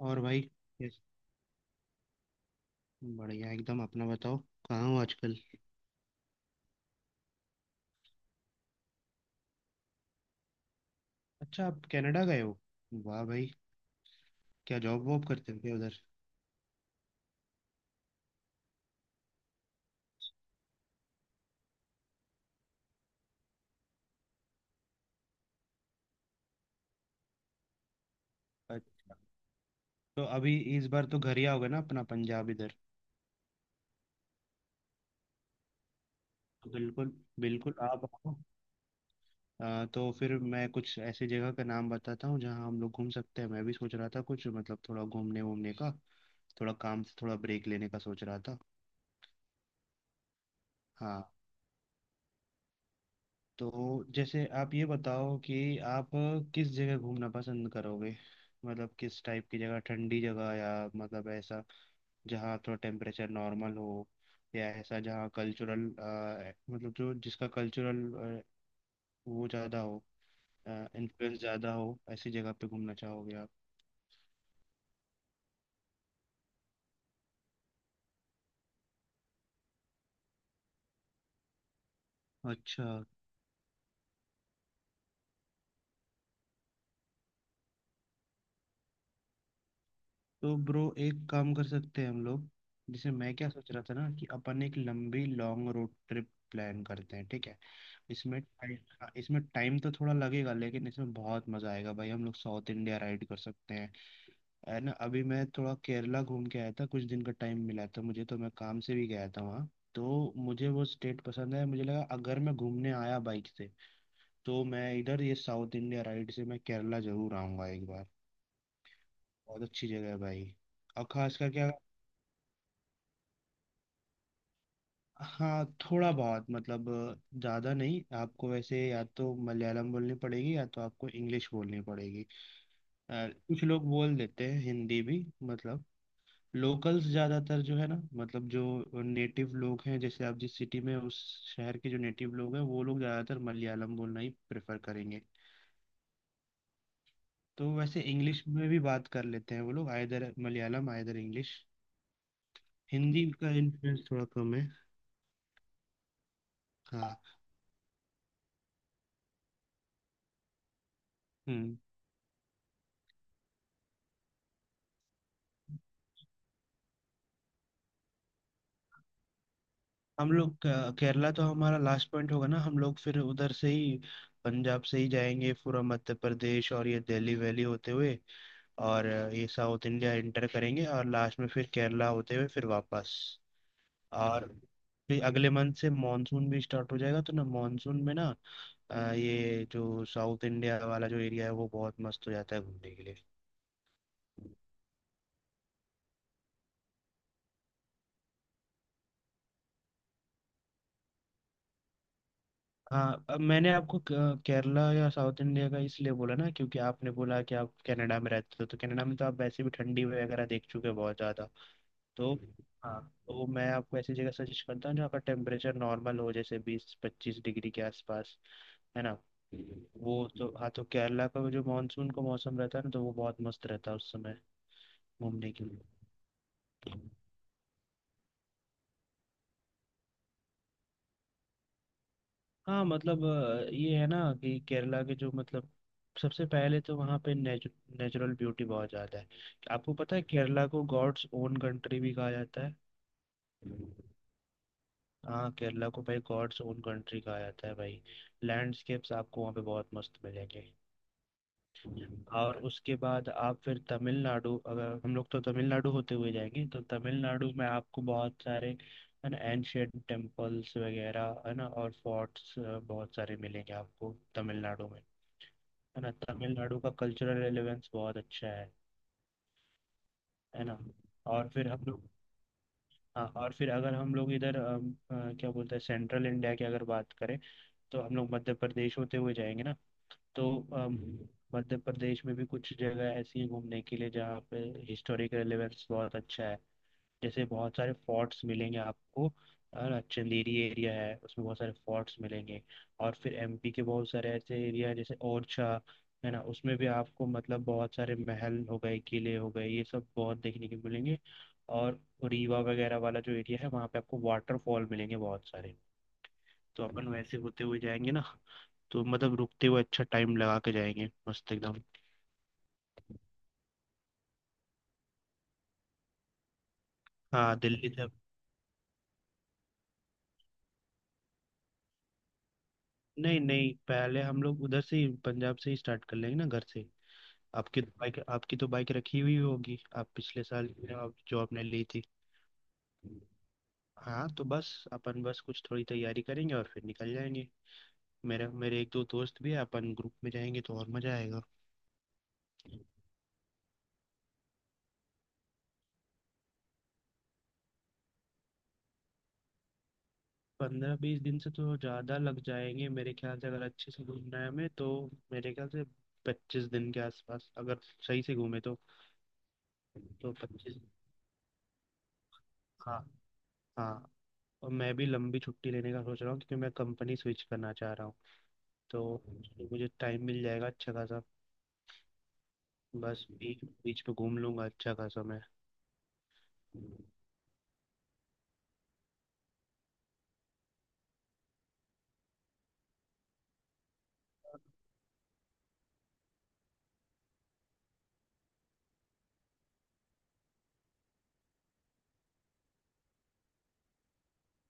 और भाई। यस। बढ़िया एकदम अपना बताओ। कहाँ हो आजकल? अच्छा, आप कनाडा गए हो। वाह भाई। क्या जॉब वॉब करते हो क्या उधर? अच्छा। तो अभी इस बार तो घर ही आओगे ना अपना पंजाब इधर? बिल्कुल। बिल्कुल आप आओ। तो फिर मैं कुछ ऐसी जगह का नाम बताता हूँ जहाँ हम लोग घूम सकते हैं। मैं भी सोच रहा था कुछ मतलब थोड़ा घूमने वूमने का। थोड़ा काम से थोड़ा ब्रेक लेने का सोच रहा था। हाँ। तो जैसे आप ये बताओ कि आप किस जगह घूमना पसंद करोगे? मतलब किस टाइप की जगह? ठंडी जगह या मतलब ऐसा जहाँ थोड़ा टेम्परेचर नॉर्मल हो, या ऐसा जहाँ कल्चरल मतलब जो जिसका कल्चरल वो ज़्यादा हो, इन्फ्लुएंस ज़्यादा हो? ऐसी जगह पे घूमना चाहोगे आप? अच्छा। तो ब्रो एक काम कर सकते हैं हम लोग। जैसे मैं क्या सोच रहा था ना कि अपन एक लंबी लॉन्ग रोड ट्रिप प्लान करते हैं, ठीक है। इसमें टाइम इसमें टाइम तो थोड़ा लगेगा, लेकिन इसमें बहुत मजा आएगा भाई। हम लोग साउथ इंडिया राइड कर सकते हैं, है ना। अभी मैं थोड़ा केरला घूम के आया था, कुछ दिन का टाइम मिला था मुझे, तो मैं काम से भी गया था वहाँ। तो मुझे वो स्टेट पसंद है। मुझे लगा अगर मैं घूमने आया बाइक से, तो मैं इधर ये साउथ इंडिया राइड से मैं केरला जरूर आऊँगा एक बार। बहुत अच्छी जगह है भाई। और खास करके अगर- हाँ, थोड़ा बहुत मतलब, ज़्यादा नहीं। आपको वैसे या तो मलयालम बोलनी पड़ेगी या तो आपको इंग्लिश बोलनी पड़ेगी। अ, कुछ लोग बोल देते हैं हिंदी भी। मतलब लोकल्स ज़्यादातर जो है ना, मतलब जो नेटिव लोग हैं जैसे आप जिस सिटी में, उस शहर के जो नेटिव लोग हैं वो लोग ज़्यादातर मलयालम बोलना ही प्रेफर करेंगे। तो वैसे इंग्लिश में भी बात कर लेते हैं वो लोग। Either Malayalam either English. Hindi का इन्फ्लुएंस थोड़ा कम है। हाँ। हम्म। हम लोग केरला तो हमारा लास्ट पॉइंट होगा ना। हम लोग फिर उधर से ही पंजाब से ही जाएंगे, पूरा मध्य प्रदेश और ये दिल्ली वैली होते हुए और ये साउथ इंडिया एंटर करेंगे और लास्ट में फिर केरला होते हुए फिर वापस। और फिर अगले मंथ से मॉनसून भी स्टार्ट हो जाएगा, तो ना मॉनसून में ना ये जो साउथ इंडिया वाला जो एरिया है वो बहुत मस्त हो जाता है घूमने के लिए। हाँ, अब मैंने आपको केरला या साउथ इंडिया का इसलिए बोला ना क्योंकि आपने बोला कि आप कनाडा में रहते हो, तो कनाडा में तो आप वैसे भी ठंडी वगैरह देख चुके हो बहुत ज़्यादा। तो हाँ। तो मैं आपको ऐसी जगह सजेस्ट करता हूँ जहाँ का टेम्परेचर नॉर्मल हो जैसे 20-25 डिग्री के आसपास। है ना। वो तो हाँ, तो केरला का जो मानसून का मौसम रहता है ना, तो वो बहुत मस्त रहता है उस समय घूमने के लिए। हाँ मतलब ये है ना कि केरला के जो मतलब सबसे पहले तो वहाँ पे नेचुरल ब्यूटी बहुत ज़्यादा है। आपको पता है केरला को गॉड्स ओन कंट्री भी कहा जाता है। हाँ केरला को भाई गॉड्स ओन कंट्री कहा जाता है भाई। लैंडस्केप्स आपको वहाँ पे बहुत मस्त मिलेंगे। और उसके बाद आप फिर तमिलनाडु, अगर हम लोग तो तमिलनाडु होते हुए जाएंगे तो तमिलनाडु में आपको बहुत सारे, है ना, एंशियंट टेम्पल्स वगैरह, है ना, और फोर्ट्स बहुत सारे मिलेंगे आपको तमिलनाडु में। है ना, तमिलनाडु का कल्चरल रेलेवेंस बहुत अच्छा है। है ना। और फिर हम लोग, हाँ, और फिर अगर हम लोग इधर क्या बोलते हैं सेंट्रल इंडिया की अगर बात करें, तो हम लोग मध्य प्रदेश होते हुए जाएंगे ना। तो अम, मध्य प्रदेश में भी कुछ जगह ऐसी हैं घूमने के लिए जहाँ पे हिस्टोरिक रेलेवेंस बहुत अच्छा है। जैसे बहुत सारे फोर्ट्स मिलेंगे आपको, है ना। चंदेरी एरिया है उसमें बहुत सारे फोर्ट्स मिलेंगे। और फिर एमपी के बहुत सारे ऐसे एरिया हैं जैसे ओरछा, है ना। उसमें भी आपको मतलब बहुत सारे महल हो गए, किले हो गए, ये सब बहुत देखने के मिलेंगे। और रीवा वगैरह वाला जो एरिया है, वहाँ पे आपको वाटरफॉल मिलेंगे बहुत सारे। तो अपन वैसे होते हुए जाएंगे ना, तो मतलब रुकते हुए अच्छा टाइम लगा के जाएंगे, मस्त एकदम। हाँ दिल्ली से। नहीं नहीं, पहले हम लोग उधर से ही पंजाब से ही स्टार्ट कर लेंगे ना घर से। आपकी तो बाइक रखी हुई होगी, आप पिछले साल जो आपने ली थी। हाँ, तो बस अपन बस कुछ थोड़ी तैयारी करेंगे और फिर निकल जाएंगे। मेरे मेरे एक दो दोस्त भी है, अपन ग्रुप में जाएंगे तो और मज़ा आएगा। 15-20 दिन से तो ज़्यादा लग जाएंगे मेरे ख्याल से, अगर अच्छे से घूमना है हमें तो। मेरे ख्याल से 25 दिन के आसपास अगर सही से घूमे तो। तो 25। हाँ। हाँ। और मैं भी लंबी छुट्टी लेने का सोच रहा हूँ क्योंकि मैं कंपनी स्विच करना चाह रहा हूँ। तो मुझे टाइम मिल जाएगा अच्छा खासा। बस बीच बीच पे घूम लूंगा अच्छा खासा मैं।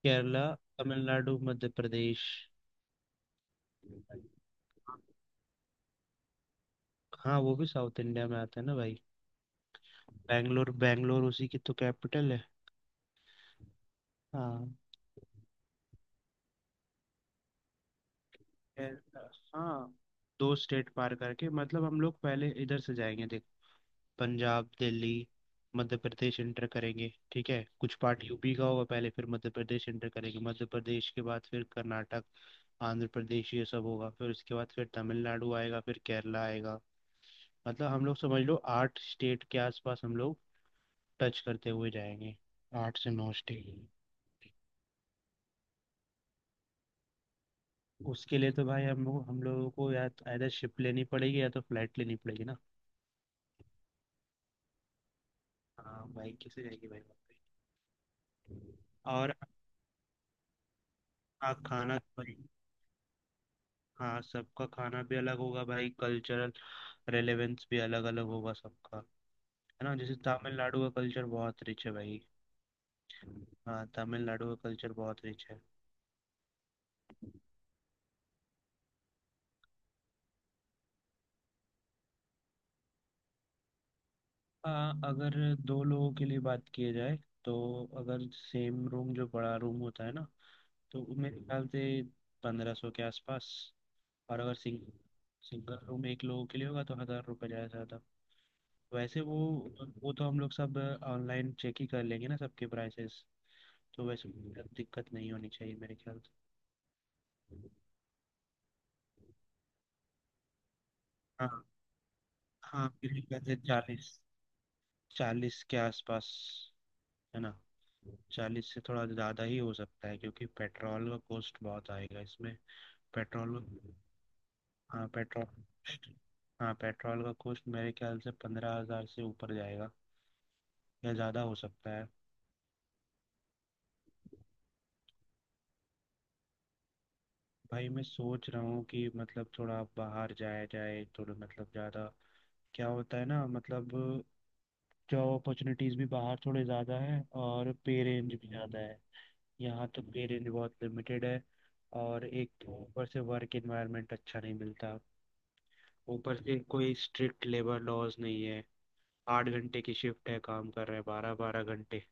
केरला, तमिलनाडु, मध्य प्रदेश। हाँ वो भी साउथ इंडिया में आता है ना भाई। बैंगलोर, बैंगलोर उसी की तो कैपिटल है। हाँ। केरला, हाँ। दो स्टेट पार करके मतलब हम लोग पहले इधर से जाएंगे, पंजाब, दिल्ली, मध्य प्रदेश इंटर करेंगे, ठीक है। कुछ पार्ट यूपी का होगा पहले, फिर मध्य प्रदेश इंटर करेंगे। मध्य प्रदेश के बाद फिर कर्नाटक, आंध्र प्रदेश, ये सब होगा, फिर उसके बाद फिर तमिलनाडु आएगा, फिर केरला आएगा। मतलब हम लोग समझ लो आठ स्टेट के आसपास हम लोग टच करते हुए जाएंगे। आठ से नौ स्टेट। उसके लिए तो भाई हम लोगों को या तो either शिप लेनी पड़ेगी या तो फ्लाइट लेनी पड़ेगी ना। हाँ बाइक कैसे जाएगी भाई वहाँ पे? और हाँ, खाना भाई। हाँ, सबका खाना भी अलग होगा भाई। कल्चरल रेलेवेंस भी अलग अलग होगा सबका, है ना। जैसे तमिलनाडु का कल्चर बहुत रिच है भाई। हाँ तमिलनाडु का कल्चर बहुत रिच है। हाँ, अगर दो लोगों के लिए बात किया जाए, तो अगर सेम रूम, जो बड़ा रूम होता है ना, तो मेरे ख्याल से 1500 के आसपास। और अगर सिंगल रूम एक लोगों के लिए होगा तो 1,000 रुपये ज़्यादा से ज़्यादा। वैसे वो तो हम लोग सब ऑनलाइन चेक ही कर लेंगे ना सबके प्राइसेस। तो वैसे दिक्कत नहीं होनी चाहिए मेरे ख्याल से। हाँ। हाँ मेरे ख्याल से चालीस चालीस के आसपास। है ना। 40 से थोड़ा ज़्यादा ही हो सकता है क्योंकि पेट्रोल का कॉस्ट बहुत आएगा इसमें। पेट्रोल। हाँ पेट्रोल। हाँ पेट्रोल का कॉस्ट मेरे ख्याल से 15,000 से ऊपर जाएगा या ज़्यादा हो सकता है। भाई मैं सोच रहा हूँ कि मतलब थोड़ा बाहर जाया जाए थोड़ा मतलब ज़्यादा। क्या होता है ना मतलब जॉब अपॉर्चुनिटीज़ भी बाहर थोड़े ज़्यादा है और पे रेंज भी ज़्यादा है। यहाँ तो पे रेंज बहुत लिमिटेड है। और एक तो ऊपर से वर्क एनवायरनमेंट अच्छा नहीं मिलता। ऊपर से कोई स्ट्रिक्ट लेबर लॉज नहीं है। 8 घंटे की शिफ्ट है, काम कर रहे हैं 12-12 घंटे।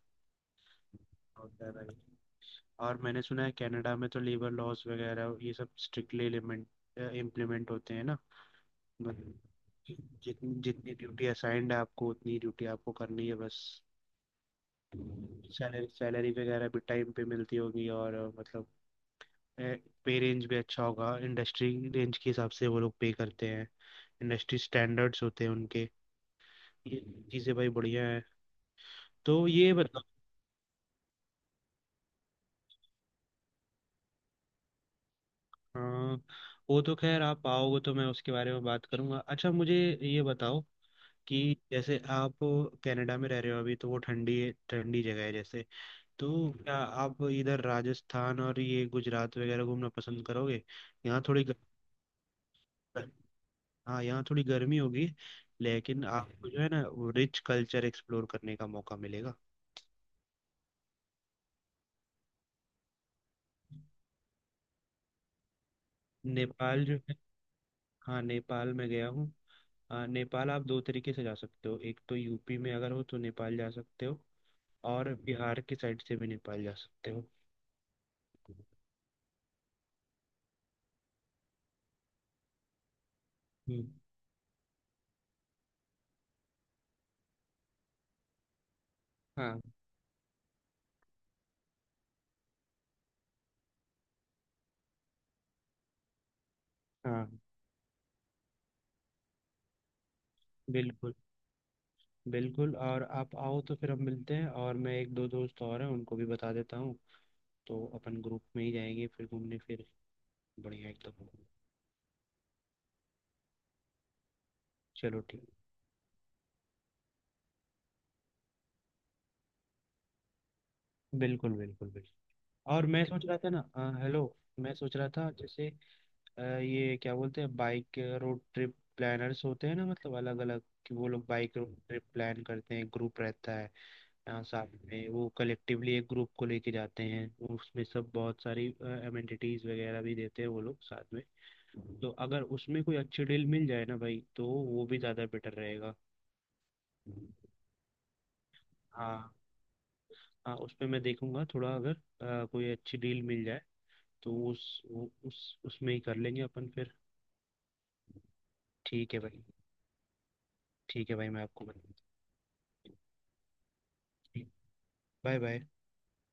होता है भाई। और मैंने सुना है कनाडा में तो लेबर लॉज वगैरह ये सब स्ट्रिक्टली इम्प्लीमेंट होते हैं ना। मतलब जितनी जितनी ड्यूटी असाइंड है आपको उतनी ड्यूटी आपको करनी है बस। सैलरी सैलरी वगैरह भी टाइम पे मिलती होगी और मतलब पे रेंज भी अच्छा होगा। इंडस्ट्री रेंज के हिसाब से वो लोग पे करते हैं। इंडस्ट्री स्टैंडर्ड्स होते हैं उनके। ये चीज़ें भाई बढ़िया है। तो ये बताओ। हाँ वो तो खैर आप आओगे तो मैं उसके बारे में बात करूंगा। अच्छा मुझे ये बताओ कि जैसे आप कनाडा में रह रहे हो अभी, तो वो ठंडी ठंडी जगह है जैसे। तो क्या आप इधर राजस्थान और ये गुजरात वगैरह घूमना पसंद करोगे? यहाँ थोड़ी, हाँ, यहाँ थोड़ी गर्मी होगी, लेकिन आपको जो है ना वो रिच कल्चर एक्सप्लोर करने का मौका मिलेगा। नेपाल जो है, हाँ, नेपाल में गया हूँ। नेपाल आप दो तरीके से जा सकते हो, एक तो यूपी में अगर हो तो नेपाल जा सकते हो और बिहार की साइड से भी नेपाल जा सकते हो। हम्म, हाँ। हाँ। बिल्कुल बिल्कुल। और आप आओ तो फिर हम मिलते हैं और मैं एक दो दोस्त और हैं उनको भी बता देता हूँ, तो अपन ग्रुप में ही जाएंगे फिर घूमने फिर। बढ़िया एकदम। चलो ठीक। बिल्कुल बिल्कुल बिल्कुल। और मैं सोच रहा था ना हेलो मैं सोच रहा था जैसे ये क्या बोलते हैं, बाइक रोड ट्रिप प्लानर्स होते हैं ना, मतलब अलग अलग कि वो लोग बाइक रोड ट्रिप प्लान करते हैं, ग्रुप रहता है, साथ में वो कलेक्टिवली एक ग्रुप को लेके जाते हैं। उसमें सब बहुत सारी अमेनिटीज वगैरह भी देते हैं वो लोग साथ में। तो अगर उसमें कोई अच्छी डील मिल जाए ना भाई तो वो भी ज़्यादा बेटर रहेगा। हाँ। हाँ उस पर मैं देखूंगा थोड़ा, अगर कोई अच्छी डील मिल जाए तो उस वो- उस उसमें ही कर लेंगे अपन फिर। ठीक है भाई। ठीक है भाई मैं आपको बताऊँ। Bye bye.